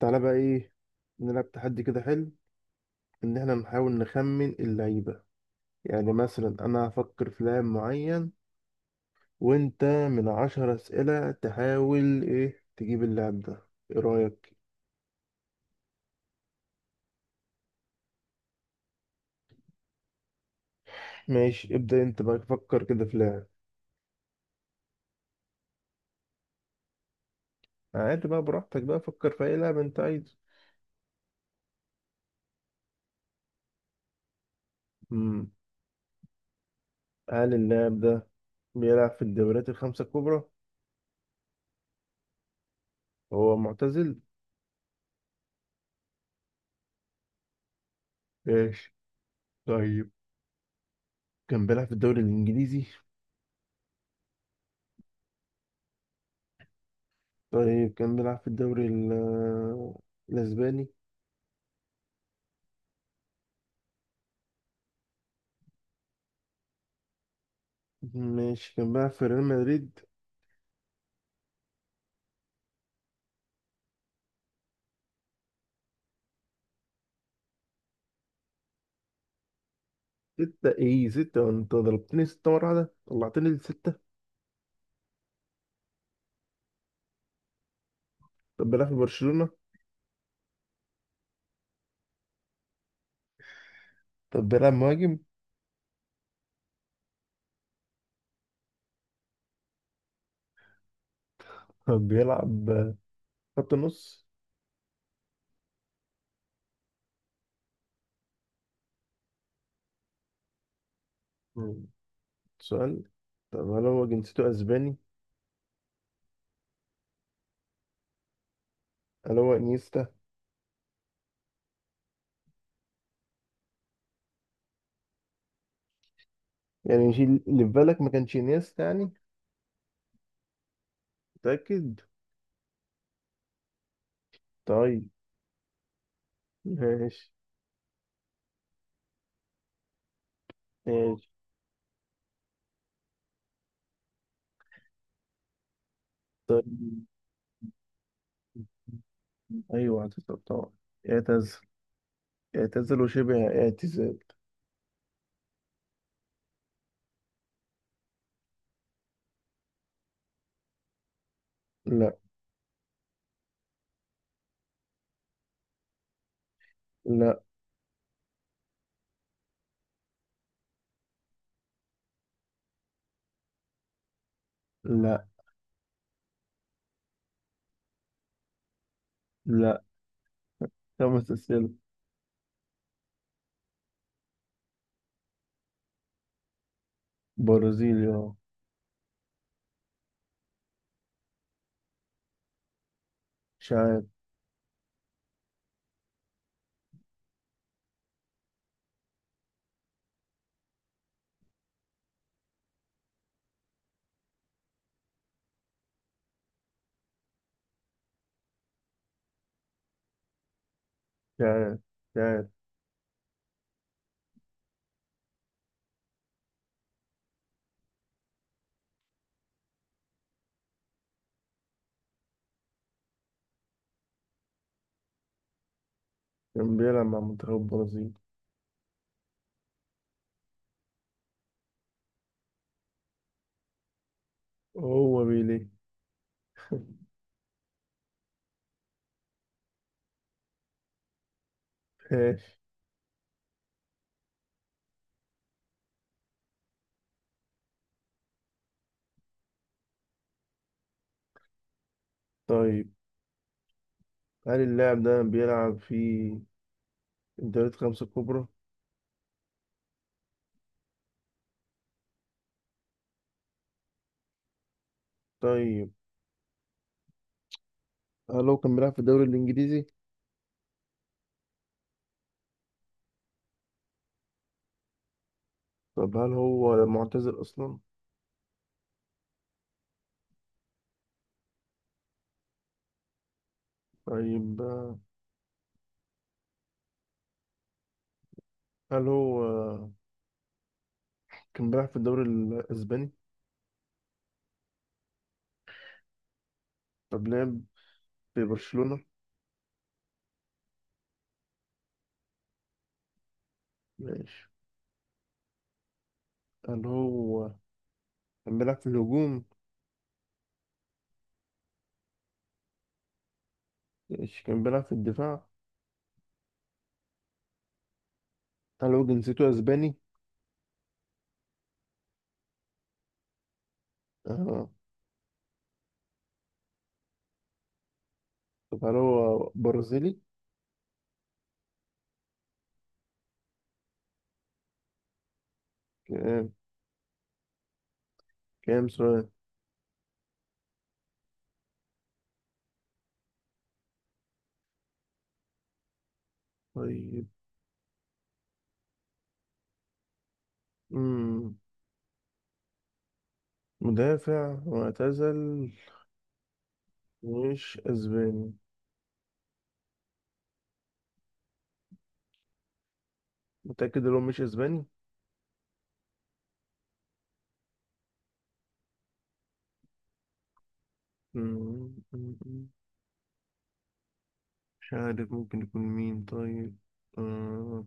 تعالى بقى ايه، نلعب تحدي كده حلو. ان احنا نحاول نخمن اللعيبة. يعني مثلا انا هفكر في لاعب معين، وانت من 10 اسئلة تحاول ايه تجيب اللاعب ده. ايه رأيك؟ ماشي، ابدأ انت بقى فكر كده في لاعب. عادي بقى، براحتك بقى فكر في اي لاعب انت عايزه. امم هل اللاعب ده بيلعب في الدوريات الخمسة الكبرى؟ هو معتزل؟ ماشي. طيب كان بيلعب في الدوري الانجليزي؟ طيب كان بيلعب في الدوري الاسباني؟ ماشي، كان بقى في ريال مدريد؟ ستة؟ ايه ستة؟ انت ضربتني ستة مرة واحدة، طلعتني لستة؟ طب بيلعب في برشلونة؟ طب بيلعب مهاجم؟ طب بيلعب خط نص؟ مم. سؤال. طب هل هو جنسيته اسباني؟ هل هو انيستا؟ يعني مش اللي في بالك ما كانش انيستا يعني؟ متأكد؟ طيب. ماشي. ماشي. طيب. ايوه اعتزل طبعا، اعتزل، اعتزل وشبه اعتزال. لا. لا. لا. لا. خمس اسئلة. برازيلي، اه. شايف. شايف. شايف. كان بيلعب مع منتخب البرازيل. هو بيليه. ماشي. طيب، هل اللاعب ده بيلعب في الدوريات الخمسة الكبرى؟ طيب، هل هو كان بيلعب في الدوري الإنجليزي؟ طب هل هو معتزل أصلا؟ طيب، هل هو كان بيلعب في الدوري الأسباني؟ طب لعب في برشلونة؟ ماشي. هل هو كان بيلعب في الهجوم؟ ماشي، كان بيلعب في الدفاع؟ هل هو جنسيته أسباني؟ آه. طب هل هو برازيلي؟ كام سؤال؟ طيب. مم. مدافع معتزل. مش اسباني. متأكد ان هو مش اسباني؟ مم. مش عارف ممكن يكون مين، طيب. آه.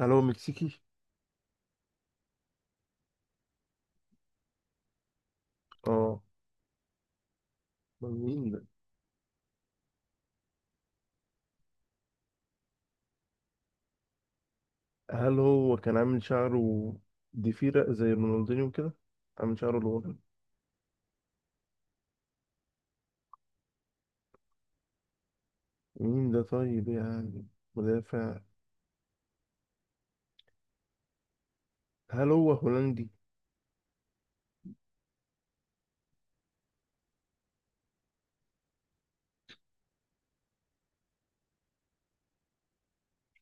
هل هو مكسيكي؟ اه. أمال مين ده؟ هل هو كان عامل شعره ضفيرة زي رونالدينيو كده؟ عامل شعره لورا؟ مين ده طيب يعني؟ مدافع. هل هو هولندي؟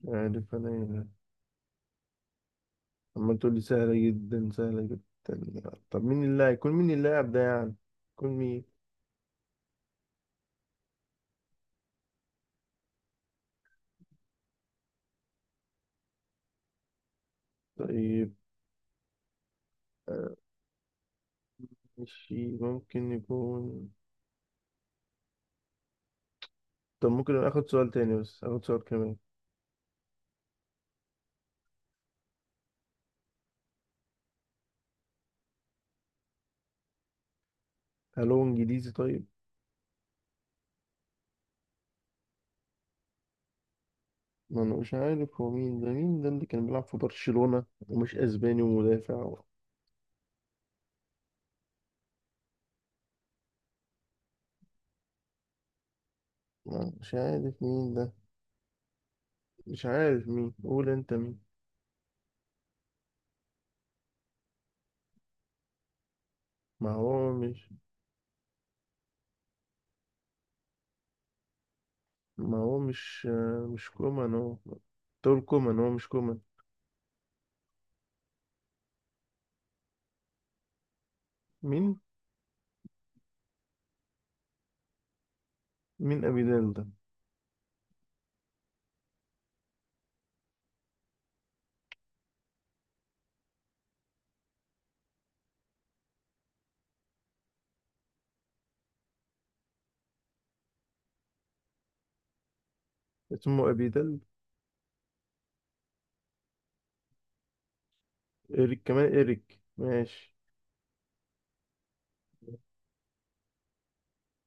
مش عارف انا يعني. عمال تقول لي سهلة جدا، سهلة جدا، طب مين اللاعب؟ يكون مين اللاعب ده يعني؟ يكون مين؟ طيب، آه، مش ممكن يكون. طب ممكن اخد سؤال تاني؟ بس اخد سؤال كمان. هل هو انجليزي؟ طيب. ما انا مش عارف هو مين ده، مين ده اللي كان بيلعب في برشلونة ومش اسباني ومدافع ما مش عارف مين ده. مش عارف مين، قول انت مين. ما هو مش ما هو مش مش كومان هو؟ تقول كومان؟ هو مش كومان. مين؟ مين ابيدال ده؟ اسمه أبي دل؟ إيريك كمان؟ إيريك، ماشي.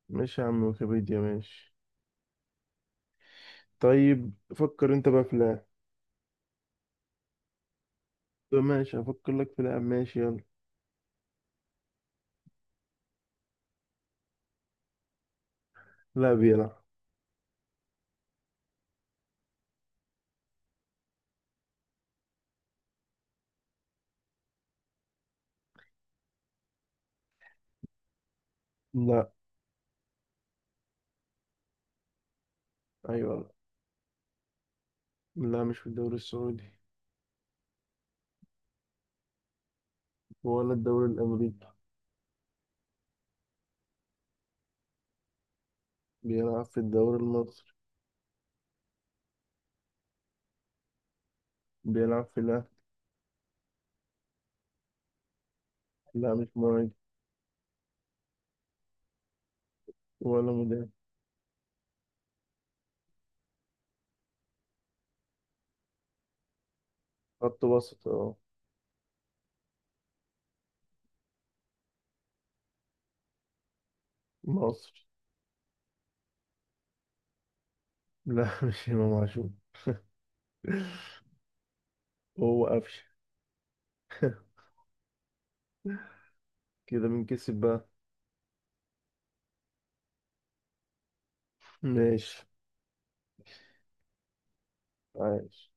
ماشي يا عم، ويكيبيديا، ماشي. طيب، فكر أنت بقى في لاعب. ماشي، هفكر لك في لاعب، ماشي، يلا. لا، بيلعب. لا. أيوة. لا، مش في الدوري السعودي. ولا الدوري الأمريكي. بيلعب في الدوري المصري. بيلعب في الأهلي. لا، مش مهاجم. ولا مدافع. خط وسط، اه. مصري. لا، مش إمام عاشور. هو قفشه. كده بنكسب بقى. ماشي. عايش.